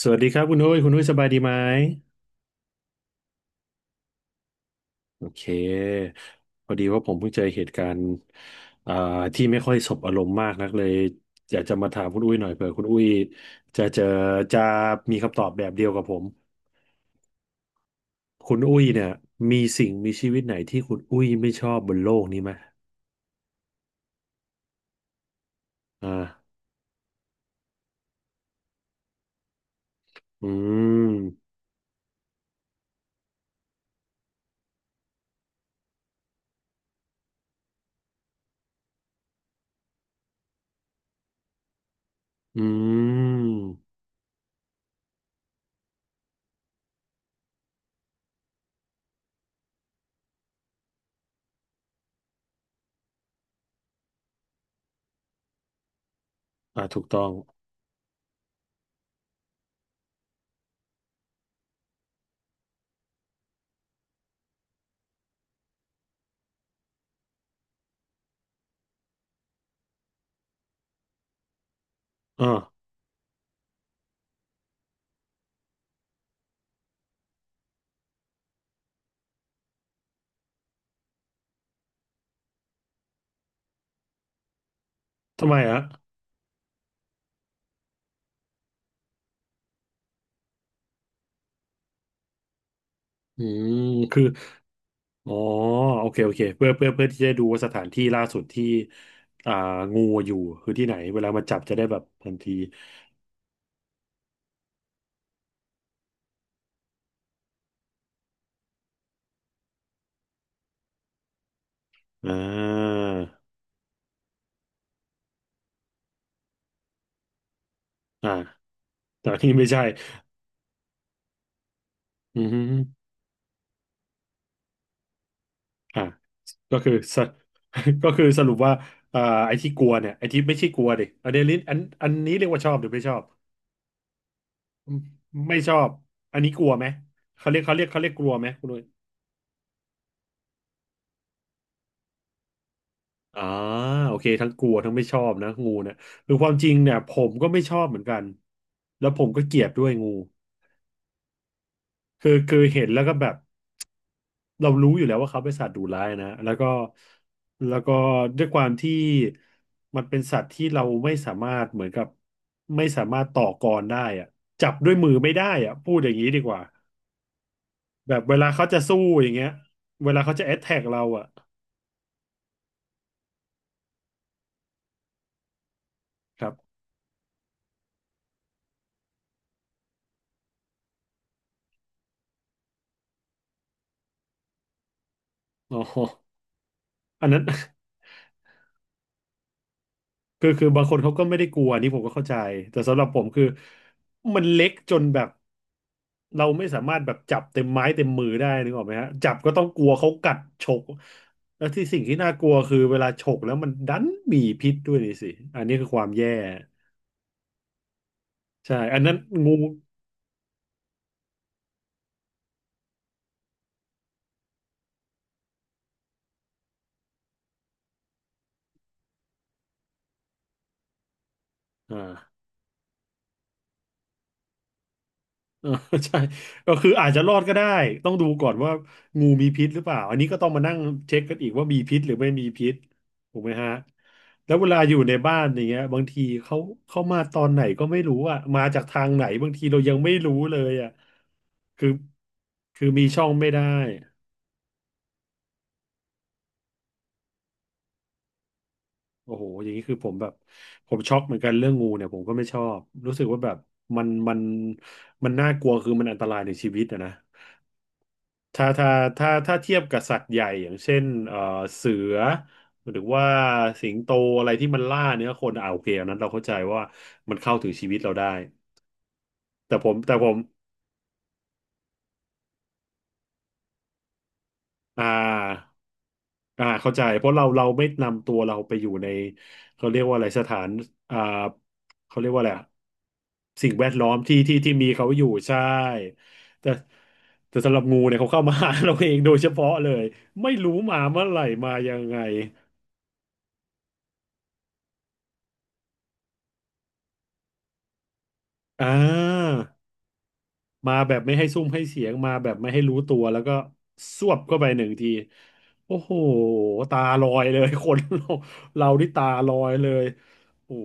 สวัสดีครับคุณหุ้ยคุณหุ้ยสบายดีไหมโอเคพอดีว่าผมเพิ่งเจอเหตุการณ์อ่าที่ไม่ค่อยสบอารมณ์มากนักเลยอยากจะมาถามคุณอุ้ยหน่อยเผื่อคุณอุ้ยจะเจอจะมีคำตอบแบบเดียวกับผมคุณอุ้ยเนี่ยมีสิ่งมีชีวิตไหนที่คุณอุ้ยไม่ชอบบนโลกนี้ไหมอ่าอืมอืมถูกต้องอ่าทำไมอะอืมคือ อ๋อโอเคโอเคเพื่อที่จะดูว่าสถานที่ล่าสุดที่อ่างูอยู่คือที่ไหนเวลามาจับจะได้แบบทันทีอ่าอ่าแต่ที่ไม่ใช่อืมอ่าก็คือส ก็คือสรุปว่าอ่าไอ้ที่กลัวเนี่ยไอ้ที่ไม่ใช่กลัวดิอันนี้ลิ้นอันนี้เรียกว่าชอบหรือไม่ชอบไม่ชอบอันนี้กลัวไหมเขาเรียกเขาเรียกเขาเรียกกลัวไหมคุณนุ้ย อ่าโอเคทั้งกลัวทั้งไม่ชอบนะงูเนี่ยคือความจริงเนี่ยผมก็ไม่ชอบเหมือนกันแล้วผมก็เกลียดด้วยงูคือเห็นแล้วก็แบบเรารู้อยู่แล้วว่าเขาเป็นสัตว์ดุร้ายนะแล้วก็แล้วก็ด้วยความที่มันเป็นสัตว์ที่เราไม่สามารถเหมือนกับไม่สามารถต่อกรได้อะจับด้วยมือไม่ได้อะพูดอย่างนี้ดีกว่าแบบเวลาเขาจะสู้อย่างเงี้ยเวลาเขาจะแอ t แทกเราอะครับอ๋ออันนั้น คือบางคนเขาก็ไม่ได้กลัวอันนี่ผมก็เข้าใจแต่สำหรับผมคือมันเล็กจนแบบเราไม่สามารถแบบจับเต็มไม้เต็มมือได้นึกออกไหมฮะจับก็ต้องกลัวเขากัดฉกแล้วที่สิ่งที่น่ากลัวคือเวลาฉกแล้วมันดันมีพิษด้วยนี่สิอันนี้คือความแย่ใช่อันนั้นงูอ่า เออ ใช่ก็คืออาจจะรอดก็ได้ต้องดูก่อนว่างูมีพิษหรือเปล่าอันนี้ก็ต้องมานั่งเช็คกันอีกว่ามีพิษหรือไม่มีพิษถูกไหมฮะแล้วเวลาอยู่ในบ้านอย่างเงี้ยบางทีเขาเข้ามาตอนไหนก็ไม่รู้อ่ะมาจากทางไหนบางทีเรายังไม่รู้เลยอ่ะคือคือมีช่องไม่ได้โอ้โหอย่างนี้คือผมแบบผมช็อกเหมือนกันเรื่องงูเนี่ยผมก็ไม่ชอบรู้สึกว่าแบบมันมันน่ากลัวคือมันอันตรายในชีวิตอะนะ ถ้าถ้าถ้าเทียบกับสัตว์ใหญ่อย่างเช่นเสือหรือว่าสิงโตอะไรที่มันล่าเนื้อคนโอเคอันนั้นเราเข้าใจว่ามันเข้าถึงชีวิตเราได้แต่ผมอ่าเข้าใจเพราะเราไม่นำตัวเราไปอยู่ในเขาเรียกว่าอะไรสถานอ่าเขาเรียกว่าอะไรอะสิ่งแวดล้อมที่มีเขาอยู่ใช่แต่แต่สำหรับงูเนี่ยเขาเข้ามาหาเราเองโดยเฉพาะเลยไม่รู้มาเมื่อไหร่มายังไงอ่า มาแบบไม่ให้ซุ่มให้เสียงมาแบบไม่ให้รู้ตัวแล้วก็สวบเข้าไปหนึ่งทีโอ้โหตาลอยเลย คนเราเราที่ตาลอยเลยโอ้โห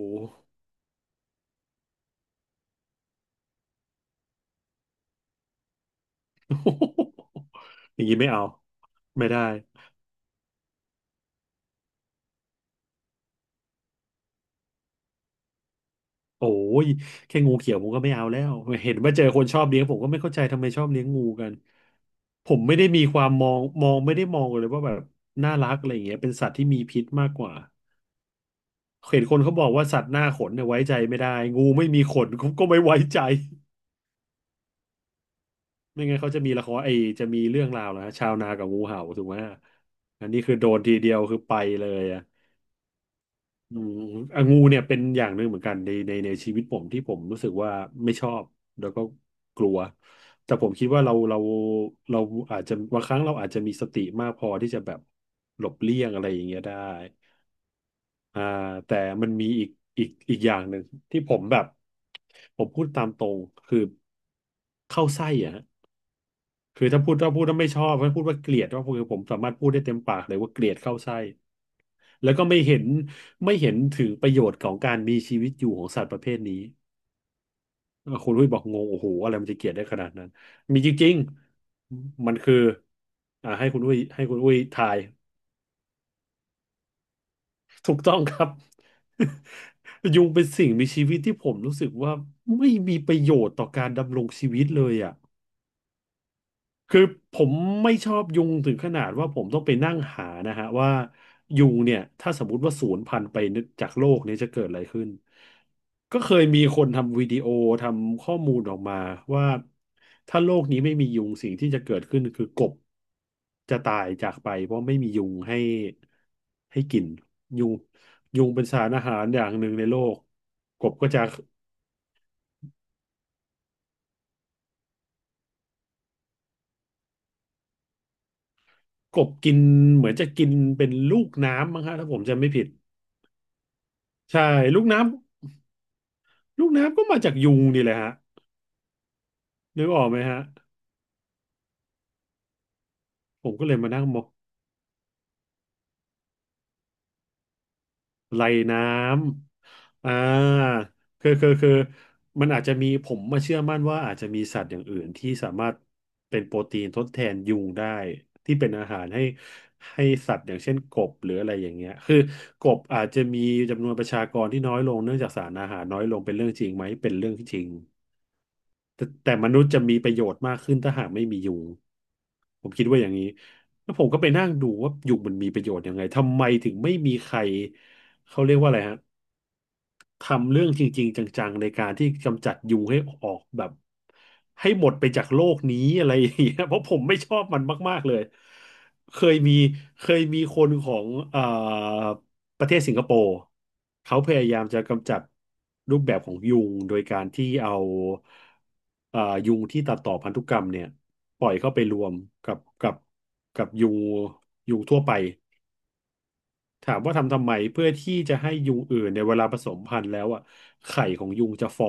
อย่างนี้ไม่เอาไม่ได้โอ้ยแค่งูเขียวผมก็ไม่เอาแล้วเห็นว่าเจอคนชอบเลี้ยงผมก็ไม่เข้าใจทำไมชอบเลี้ยงงูกันผมไม่ได้มีความมองไม่ได้มองเลยว่าแบบน่ารักอะไรอย่างเงี้ยเป็นสัตว์ที่มีพิษมากกว่าเห็นคนเขาบอกว่าสัตว์หน้าขนเนี่ยไว้ใจไม่ได้งูไม่มีขน ก็ไม่ไว้ใจ ไม่งั้นเขาจะมีละครไอจะมีเรื่องราวแล้วชาวนากับงูเห่าถูกไหมอันนี้คือโดนทีเดียวคือไปเลยอ่ะอืมอ่ะงูเนี่ยเป็นอย่างหนึ่งเหมือนกันในชีวิตผมที่ผมรู้สึกว่าไม่ชอบแล้วก็กลัวแต่ผมคิดว่าเราอาจจะบางครั้งเราอาจจะมีสติมากพอที่จะแบบหลบเลี่ยงอะไรอย่างเงี้ยได้อ่าแต่มันมีอีกอย่างหนึ่งที่ผมแบบผมพูดตามตรงคือเข้าไส้อ่ะ คือถ้าพูดถ้าไม่ชอบถ้าพูดว่าเกลียดก็คือผมสามารถพูดได้เต็มปากเลยว่าเกลียดเข้าไส้แล้วก็ไม่เห็นถึงประโยชน์ของการมีชีวิตอยู่ของสัตว์ประเภทนี้คุณลุยบอกงงโอ้โหอะไรมันจะเกลียดได้ขนาดนั้นมีจริงๆมันคือให้คุณลุยทายถูกต้องครับ ยุงเป็นสิ่งมีชีวิตที่ผมรู้สึกว่าไม่มีประโยชน์ต่อการดำรงชีวิตเลยอ่ะ คือผมไม่ชอบยุงถึงขนาดว่าผมต้องไปนั่งหานะฮะว่ายุงเนี่ยถ้าสมมติว่าสูญพันธุ์ไปจากโลกเนี่ยจะเกิดอะไรขึ้นก็เคยมีคนทำวิดีโอทำข้อมูลออกมาว่าถ้าโลกนี้ไม่มียุงสิ่งที่จะเกิดขึ้นคือกบจะตายจากไปเพราะไม่มียุงให้ให้กินยุงเป็นสารอาหารอย่างหนึ่งในโลกกบก็จะกบกินเหมือนจะกินเป็นลูกน้ำมั้งฮะถ้าผมจำไม่ผิดใช่ลูกน้ำ ลูกน้ำก็มาจากยุงนี่แหละฮะนึกออกไหมฮะผมก็เลยมานั่งมองไล่น้ำคือมันอาจจะมีผมมาเชื่อมั่นว่าอาจจะมีสัตว์อย่างอื่นที่สามารถเป็นโปรตีนทดแทนยุงได้ที่เป็นอาหารให้ให้สัตว์อย่างเช่นกบหรืออะไรอย่างเงี้ยคือกบอาจจะมีจำนวนประชากรที่น้อยลงเนื่องจากสารอาหารน้อยลงเป็นเรื่องจริงไหมเป็นเรื่องที่จริง แต่มนุษย์จะมีประโยชน์มากขึ้นถ้าหากไม่มียุงผมคิดว่าอย่างนี้แล้วผมก็ไปนั่งดูว่ายุงมันมีประโยชน์ยังไงทำไมถึงไม่มีใครเขาเรียกว่าอะไรฮะ ทำเรื่องจริงๆจังๆในการที่กำจัดยุงให้ออกแบบให้หมดไปจากโลกนี้อะไรอย่างเงี้ย เพราะผมไม่ชอบมันมากๆเลยเคยมีเคยมีคนของประเทศสิงคโปร์เขาพยายามจะกำจัดรูปแบบของยุงโดยการที่เอาเอ่อยุงที่ตัดต่อพันธุกรรมเนี่ยปล่อยเข้าไปรวมกับยุงทั่วไป ถามว่าทำทำไมเพื่อที่จะให้ยุงอื่นในยเวลาผสมพันธุ์แล้วอ่ะไข่ของยุงจะฝ่อ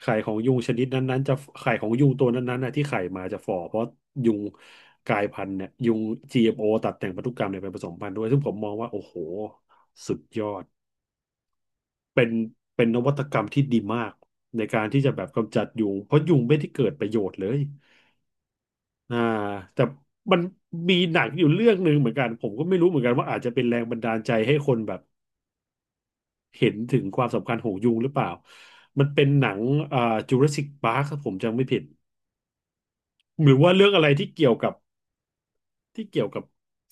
ไข่ของยุงชนิดนั้นๆจะไข่ของยุงตัวนั้นๆน่ะที่ไข่มาจะฝ่อเพราะยุงกลายพันธุ์เนี่ยยุง GMO ตัดแต่งพันธุกรรมเนี่ยไปผสมพันธุ์ด้วยซึ่งผมมองว่าโอ้โหสุดยอดเป็นนวัตกรรมที่ดีมากในการที่จะแบบกำจัดยุงเพราะยุงไม่ได้เกิดประโยชน์เลยอ่าแต่มันมีหนังอยู่เรื่องหนึ่งเหมือนกันผมก็ไม่รู้เหมือนกันว่าอาจจะเป็นแรงบันดาลใจให้คนแบบ เห็นถึงความสำคัญของยุงหรือเปล่า มันเป็นหนังอ่าจูราสสิกพาร์คผมจำไม่ผิดหรือว่าเรื่องอะไรที่เกี่ยวกับที่เกี่ยวกับ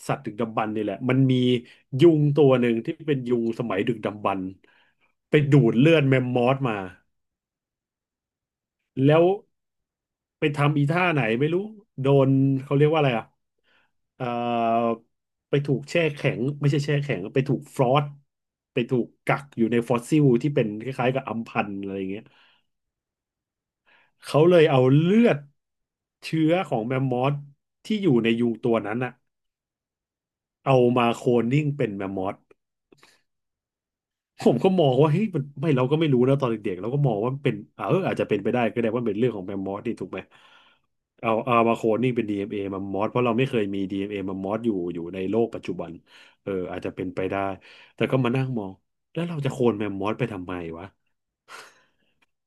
สัตว์ดึกดำบรรพ์นี่แหละ มันมียุงตัวหนึ่งที่เป็นยุงสมัยดึกดำบรรพ์ไปดูดเลือดแมมมอสมา แล้วไปทำอีท่าไหนไม่รู้ โดนเขาเรียกว่าอะไรอ่ะเอ่อไปถูกแช่แข็งไม่ใช่แช่แข็งไปถูกฟรอสไปถูกกักอยู่ในฟอสซิลที่เป็นคล้ายๆกับอัมพันธ์อะไรอย่างเงี้ย เขาเลยเอาเลือดเชื้อของแมมมอสที่อยู่ในยุงตัวนั้นอะเอามาโคลนนิ่งเป็นแมมมอสผมก็มองว่าเฮ้ยมันไม่เราก็ไม่รู้นะตอนเด็กๆเราก็มองว่ามันเป็นเอออาจจะเป็นไปได้ก็ได้ว่าเป็นเรื่องของแมมมอสนี่ถูกไหมเอามาโคลนนิ่งเป็น d เ a แมมมอสเพราะเราไม่เคยมี d เ a แมมมอสอยู่ในโลกปัจจุบันเอออาจจะเป็นไปได้แต่ก็มานั่งมองแล้วเราจะโคลนแมมมอสไปทำไมวะ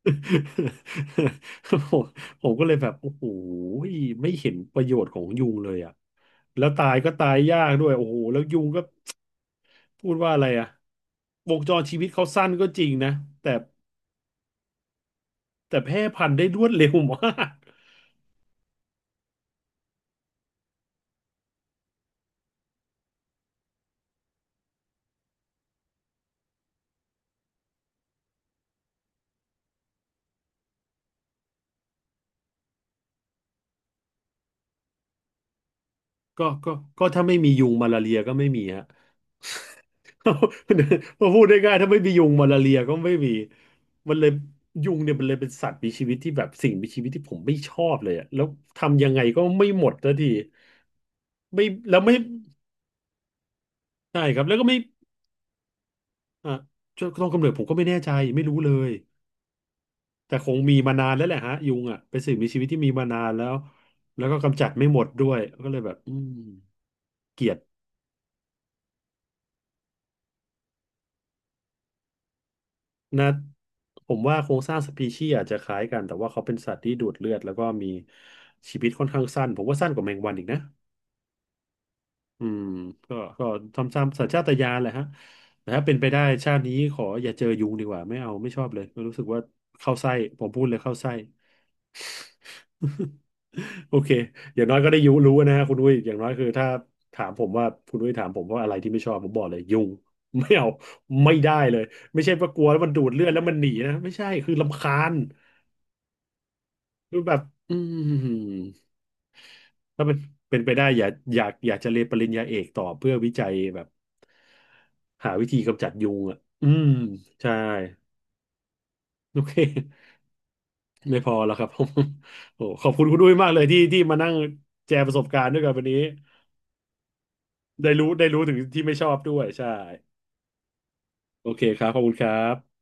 ผมก็เลยแบบโอ้โหไม่เห็นประโยชน์ของยุงเลยอ่ะแล้วตายก็ตายยากด้วยโอ้โหแล้วยุงก็พูดว่าอะไรอ่ะวงจรชีวิตเขาสั้นก็จริงนะแต่แต่แพร่พันธุ์ได้รวดเร็วมาก ก็ก็ก็ถ้าไม่มียุงมาลาเรียก็ไม่มีฮะ มาพูดได้ง่ายถ้าไม่มียุงมาลาเรียก็ไม่มีมันเลยยุงเนี่ยมันเลยเป็นสัตว์มีชีวิตที่แบบสิ่งมีชีวิตที่ผมไม่ชอบเลยอะแล้วทำยังไงก็ไม่หมดสักทีไม่แล้วไม่ ใช่ครับแล้วก็ไม่อ่ะตอนกำเนิดผมก็ไม่แน่ใจไม่รู้เลยแต่คงมีมานานแล้วแหละฮะยุงอ่ะเป็นสิ่งมีชีวิตที่มีมานานแล้วแล้วก็กำจัดไม่หมดด้วยก็เลยแบบอืมเกลียดนะผมว่าโครงสร้างสปีชีส์อาจจะคล้ายกันแต่ว่าเขาเป็นสัตว์ที่ดูดเลือดแล้วก็มีชีวิตค่อนข้างสั้นผมว่าสั้นกว่าแมงวันอีกนะอืมก็ทำตามสัญชาตญาณแหละฮะแต่ถ้าเป็นไปได้ชาตินี้ขออย่าเจอยุงดีกว่าไม่เอาไม่ชอบเลยรู้สึกว่าเข้าไส้ผมพูดเลยเข้าไส้ โอเคอย่างน้อยก็ได้ยุรู้นะฮะคุณอุ้ยอย่างน้อยคือถ้าถามผมว่าคุณอุ้ยถามผมว่าอะไรที่ไม่ชอบผมบอกเลยยุง ไม่เอาไม่ได้เลยไม่ใช่ว่ากลัวแล้วมันดูดเลือดแล้วมันหนีนะไม่ใช่คือรำคาญคือแบบอืมถ้าเป็นเป็นไปได้อย่ากอยากอยากจะเรียนปริญญาเอกต่อเพื่อวิจัยแบบหาวิธีกำจัดยุงอ่ะอืมใช่โอเคไม่พอแล้วครับ ผมโอ้ขอบคุณคุณด้วยมากเลยที่ที่มานั่งแชร์ประสบการณ์ด้วยกันวันนี้ ได้รู้ได้รู้ถึงที่ไม่ชอบด้วยใช่โอเคครับขอบคุณครับ